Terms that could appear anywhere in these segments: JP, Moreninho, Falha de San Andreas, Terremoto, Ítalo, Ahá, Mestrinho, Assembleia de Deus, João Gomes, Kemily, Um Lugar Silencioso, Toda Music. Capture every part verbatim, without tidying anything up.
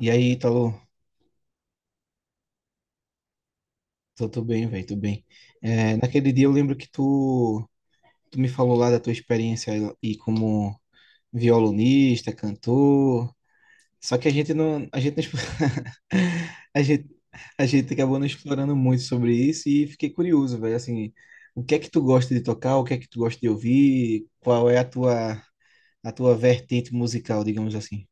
E aí, Ítalo, tô, tô bem, velho, tô bem. É, naquele dia eu lembro que tu, tu me falou lá da tua experiência e como violonista, cantor. Só que a gente não, a gente não, explo- a gente, a gente acabou não explorando muito sobre isso e fiquei curioso, velho, assim, o que é que tu gosta de tocar, o que é que tu gosta de ouvir, qual é a tua, a tua vertente musical, digamos assim.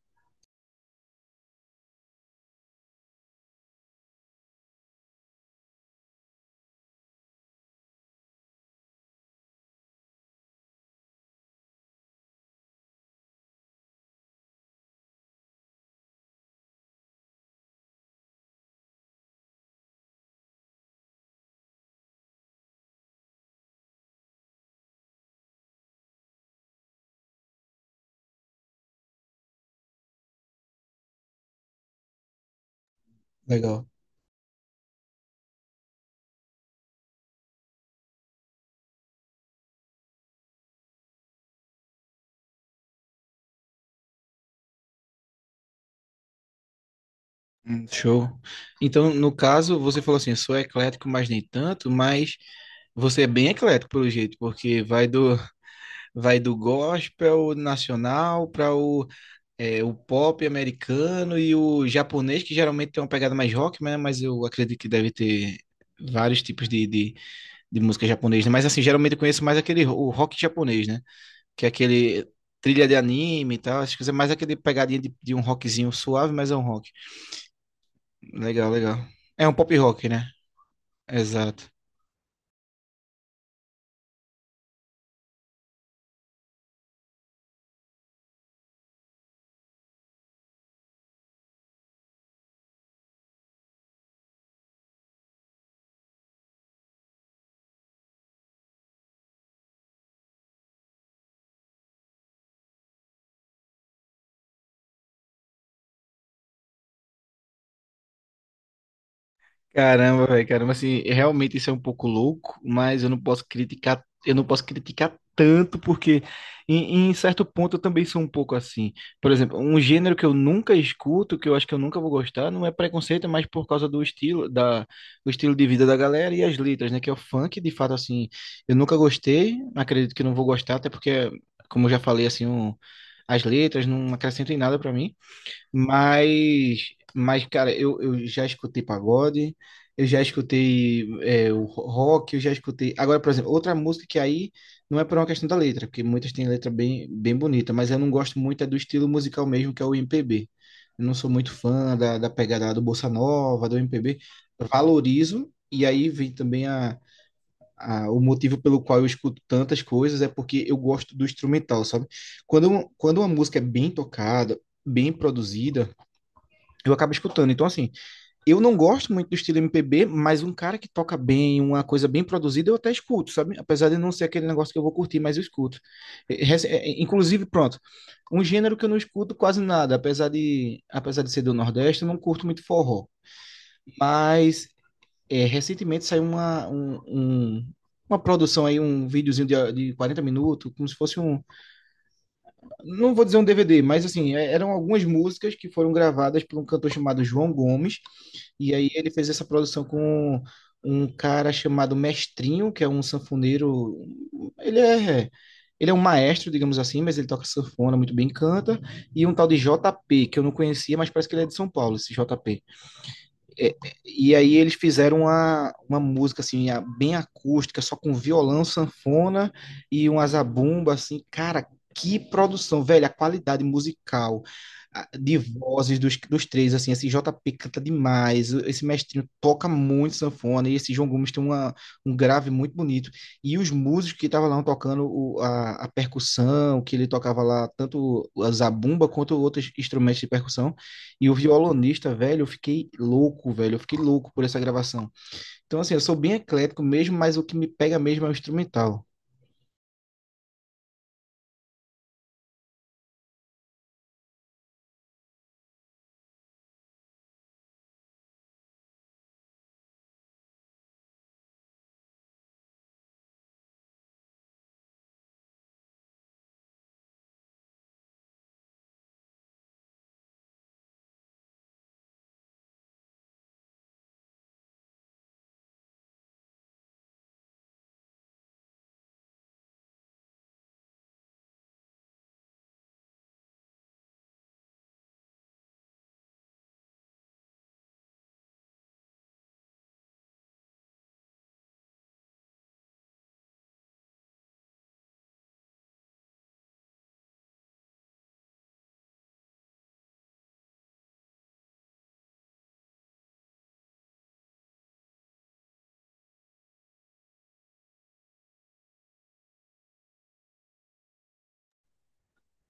Legal. Hum. Show. Então, no caso, você falou assim, eu sou eclético, mas nem tanto, mas você é bem eclético pelo jeito, porque vai do vai do gospel nacional para o, é, o pop americano e o japonês, que geralmente tem uma pegada mais rock, né? Mas eu acredito que deve ter vários tipos de, de, de música japonesa, né? Mas assim, geralmente eu conheço mais aquele ro- o rock japonês, né? Que é aquele trilha de anime e tal, acho que é mais aquele pegadinha de, de um rockzinho suave, mas é um rock. Legal, legal. É um pop rock, né? Exato. Caramba, velho, caramba, assim, realmente isso é um pouco louco, mas eu não posso criticar, eu não posso criticar tanto, porque em, em certo ponto eu também sou um pouco assim. Por exemplo, um gênero que eu nunca escuto, que eu acho que eu nunca vou gostar, não é preconceito, mas por causa do estilo, da, do estilo de vida da galera e as letras, né? Que é o funk, de fato, assim, eu nunca gostei, acredito que não vou gostar, até porque, como eu já falei, assim, um- as letras não acrescentam em nada pra mim. Mas, mas cara, eu, eu já escutei pagode, eu já escutei é, o rock, eu já escutei. Agora, por exemplo, outra música que aí não é por uma questão da letra, porque muitas têm letra bem, bem bonita, mas eu não gosto muito é do estilo musical mesmo, que é o M P B. Eu não sou muito fã da, da pegada do Bossa Nova, do M P B. Valorizo, e aí vem também a, a, o motivo pelo qual eu escuto tantas coisas, é porque eu gosto do instrumental, sabe? Quando, quando uma música é bem tocada, bem produzida, eu acabo escutando. Então, assim, eu não gosto muito do estilo M P B, mas um cara que toca bem, uma coisa bem produzida, eu até escuto, sabe? Apesar de não ser aquele negócio que eu vou curtir, mas eu escuto. Eh, rec- eh, Inclusive, pronto, um gênero que eu não escuto quase nada, apesar de, apesar de ser do Nordeste, eu não curto muito forró. Mas eh, recentemente saiu uma, um, um- uma produção aí, um videozinho de, de quarenta minutos, como se fosse um, não vou dizer um D V D, mas assim, é- eram algumas músicas que foram gravadas por um cantor chamado João Gomes, e aí ele fez essa produção com um cara chamado Mestrinho, que é um sanfoneiro, ele é ele é um maestro, digamos assim, mas ele toca sanfona muito bem, canta, e um tal de J P, que eu não conhecia, mas parece que ele é de São Paulo, esse J P é, é, e aí eles fizeram uma, uma música assim, bem acústica, só com violão, sanfona e uma zabumba, assim, cara, que produção, velho, a qualidade musical a- de vozes dos, dos três, assim, esse J P canta demais, esse mestrinho toca muito sanfona, e esse João Gomes tem uma, um grave muito bonito, e os músicos que estavam lá tocando o, a, a percussão, que ele tocava lá, tanto a zabumba quanto outros instrumentos de percussão, e o violonista, velho, eu fiquei louco, velho. Eu fiquei louco por essa gravação. Então, assim, eu sou bem eclético mesmo, mas o que me pega mesmo é o instrumental.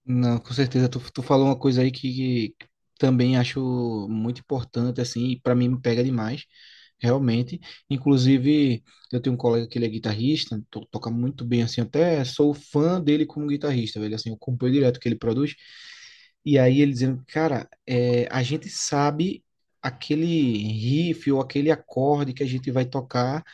Não, com certeza. Tu, tu falou uma coisa aí que, que também acho muito importante, assim, e para mim me pega demais, realmente. Inclusive, eu tenho um colega que ele é guitarrista, to- toca muito bem, assim, até sou fã dele como guitarrista, velho, assim, eu acompanho direto o que ele produz. E aí ele dizendo, cara, é, a gente sabe aquele riff ou aquele acorde que a gente vai tocar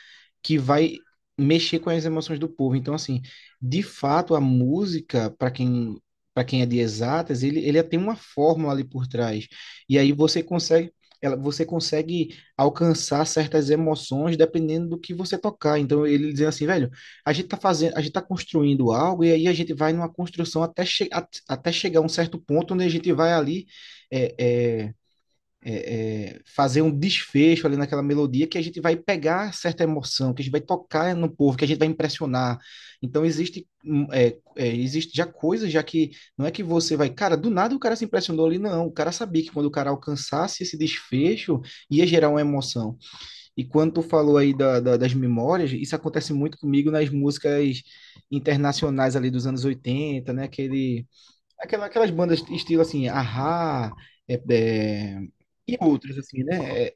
que vai mexer com as emoções do povo. Então, assim, de fato, a música, para quem para quem é de exatas, ele, ele tem uma fórmula ali por trás. E aí você consegue, ela, você consegue alcançar certas emoções dependendo do que você tocar. Então ele dizendo assim, velho, a gente tá fazendo, a gente tá construindo algo e aí a gente vai numa construção até, che- at- até chegar a um certo ponto onde a gente vai ali é, é, é, é, fazer um desfecho ali naquela melodia que a gente vai pegar certa emoção, que a gente vai tocar no povo, que a gente vai impressionar. Então existe, hum, é, é, existe já coisas já que não é que você vai, cara, do nada o cara se impressionou ali, não. O cara sabia que quando o cara alcançasse esse desfecho ia gerar uma emoção. E quando tu falou aí da, da- das memórias, isso acontece muito comigo nas músicas internacionais ali dos anos oitenta, né? Aquele Aquela, aquelas bandas estilo assim, Ahá, é, é, e outras, assim, né? É.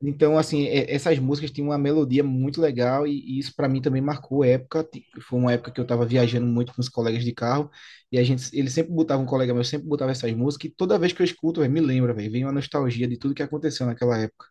Então, assim, é- essas músicas tinham uma melodia muito legal e, e isso para mim também marcou época. Ti- Foi uma época que eu tava viajando muito com os colegas de carro e a gente, ele sempre botava, um colega meu sempre botava essas músicas e toda vez que eu escuto, véi, me lembra, velho, vem uma nostalgia de tudo que aconteceu naquela época.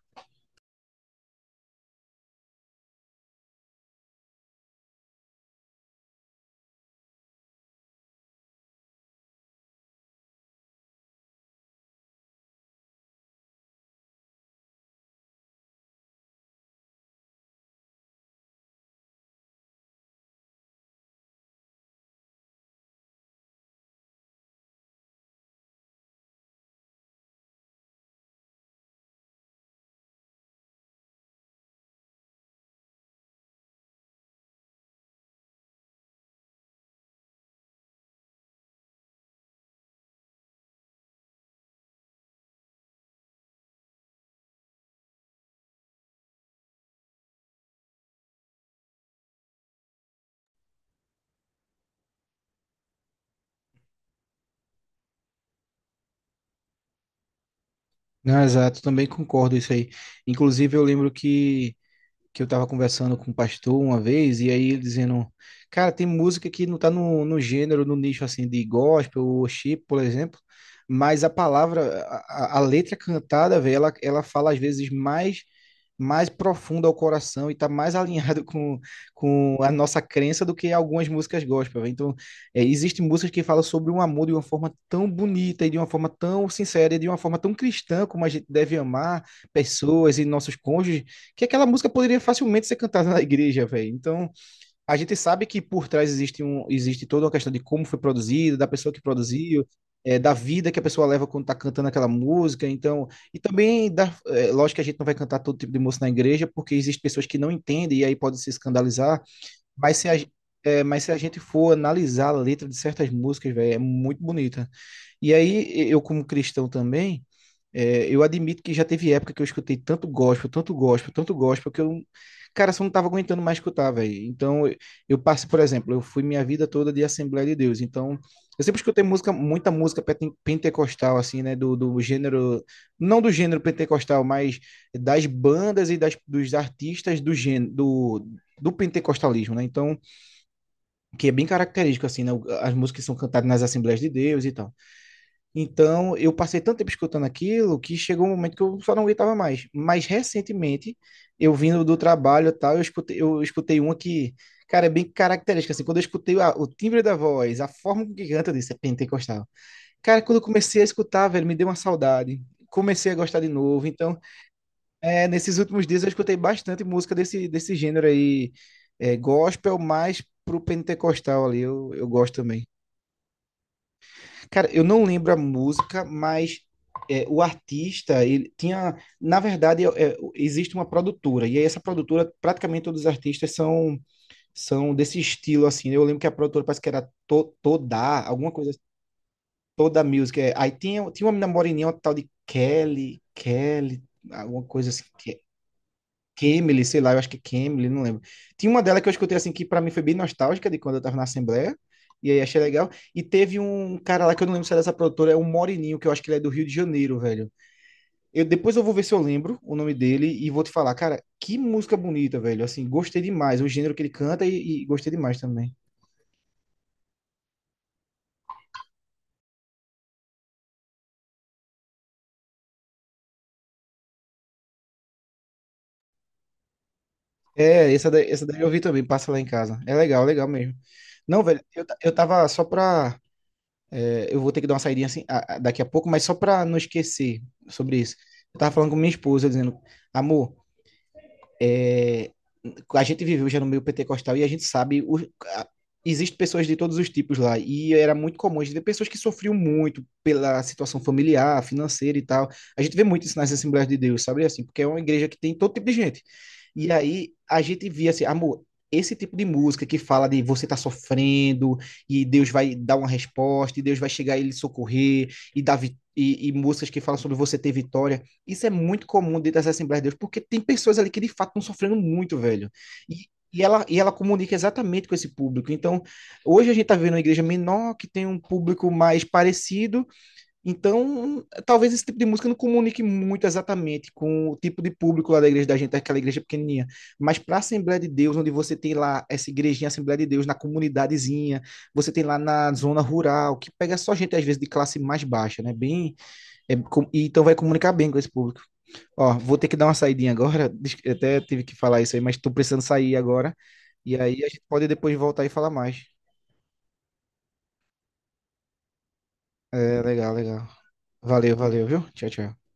Não, exato, também concordo isso aí. Inclusive, eu lembro que que eu tava conversando com um pastor uma vez, e aí ele dizendo, cara, tem música que não tá no, no gênero, no nicho assim de gospel ou chip, por exemplo, mas a palavra, a, a- a letra cantada, velho, ela, ela fala às vezes mais mais profunda ao coração e tá mais alinhado com, com a nossa crença do que algumas músicas gospel, velho. Então, é, existem músicas que falam sobre um amor de uma forma tão bonita e de uma forma tão sincera e de uma forma tão cristã como a gente deve amar pessoas e nossos cônjuges que aquela música poderia facilmente ser cantada na igreja, velho. Então, a gente sabe que por trás existe, um, existe toda uma questão de como foi produzida, da pessoa que produziu, é, da vida que a pessoa leva quando tá cantando aquela música. Então, e também, da, é, lógico que a gente não vai cantar todo tipo de música na igreja, porque existem pessoas que não entendem e aí podem se escandalizar. Mas se a, ge- é, mas se a gente for analisar a letra de certas músicas, velho, é muito bonita. E aí, eu como cristão também é, eu admito que já teve época que eu escutei tanto gospel, tanto gospel, tanto gospel, que eu, não- cara, só não tava aguentando mais escutar, velho. Então, eu, eu passo, por exemplo, eu fui minha vida toda de Assembleia de Deus. Então, eu sempre escutei música, muita música pente- pentecostal, assim, né? Do, do gênero, não do gênero pentecostal, mas das bandas e das, dos artistas do gênero, do, do pentecostalismo, né? Então, que é bem característico, assim, né? o- As músicas que são cantadas nas Assembleias de Deus e tal. Então, eu passei tanto tempo escutando aquilo que chegou um momento que eu só não aguentava mais. Mas recentemente, eu vindo do trabalho e tal, eu escutei, eu escutei uma que, cara, é bem característica. Assim, quando eu escutei a- o timbre da voz, a forma com que canta, eu disse, é pentecostal. Cara, quando eu comecei a escutar, velho, me deu uma saudade. Comecei a gostar de novo. Então, é, nesses últimos dias, eu escutei bastante música desse, desse gênero aí, é, gospel, mais pro pentecostal ali. Eu, eu gosto também. Cara, eu não lembro a música, mas é, o artista, ele tinha. Na verdade, é, é, existe uma produtora, e aí essa produtora, praticamente todos os artistas são, são desse estilo, assim, né? Eu lembro que a produtora parece que era to, Toda, alguma coisa, assim, Toda Music, é. Aí tinha, tinha uma menina moreninha, uma tal de Kelly, Kelly, alguma coisa assim. Kemily, sei lá, eu acho que é Kemily, não lembro. Tinha uma dela que eu escutei assim que pra mim foi bem nostálgica de quando eu tava na Assembleia, e aí achei legal. E teve um cara lá que eu não lembro se era dessa produtora, é o Moreninho que eu acho que ele é do Rio de Janeiro, velho. Eu, depois eu vou ver se eu lembro o nome dele e vou te falar, cara, que música bonita, velho. Assim, gostei demais, o gênero que ele canta e, e gostei demais também. É, essa daí, essa daí eu vi também, passa lá em casa. É legal, legal mesmo. Não, velho, eu, ta- eu tava só pra É, eu vou ter que dar uma saída assim, a- a- daqui a pouco, mas só para não esquecer sobre isso. Eu tava falando com minha esposa, dizendo, amor, é, a gente viveu já no meio pentecostal e a gente sabe, o, a, existe pessoas de todos os tipos lá, e era muito comum a gente ver pessoas que sofriam muito pela situação familiar, financeira e tal. A gente vê muito isso nas Assembleias de Deus, sabe assim, porque é uma igreja que tem todo tipo de gente. E aí a gente via assim, amor, esse tipo de música que fala de você tá sofrendo e Deus vai dar uma resposta e Deus vai chegar e lhe socorrer e dar vi- e, e músicas que falam sobre você ter vitória, isso é muito comum dentro das Assembleias de Deus, porque tem pessoas ali que de fato estão sofrendo muito, velho. E, e ela, e ela comunica exatamente com esse público. Então, hoje a gente está vendo uma igreja menor, que tem um público mais parecido. Então, talvez esse tipo de música não comunique muito exatamente com o tipo de público lá da igreja da gente, aquela igreja pequenininha. Mas para a Assembleia de Deus, onde você tem lá essa igrejinha, Assembleia de Deus, na comunidadezinha, você tem lá na zona rural, que pega só gente, às vezes, de classe mais baixa, né? Bem é com- e então vai comunicar bem com esse público. Ó, vou ter que dar uma saidinha agora. des- Até tive que falar isso aí, mas estou precisando sair agora. E aí a gente pode depois voltar e falar mais. É, legal, legal. Valeu, valeu, viu? Tchau, tchau.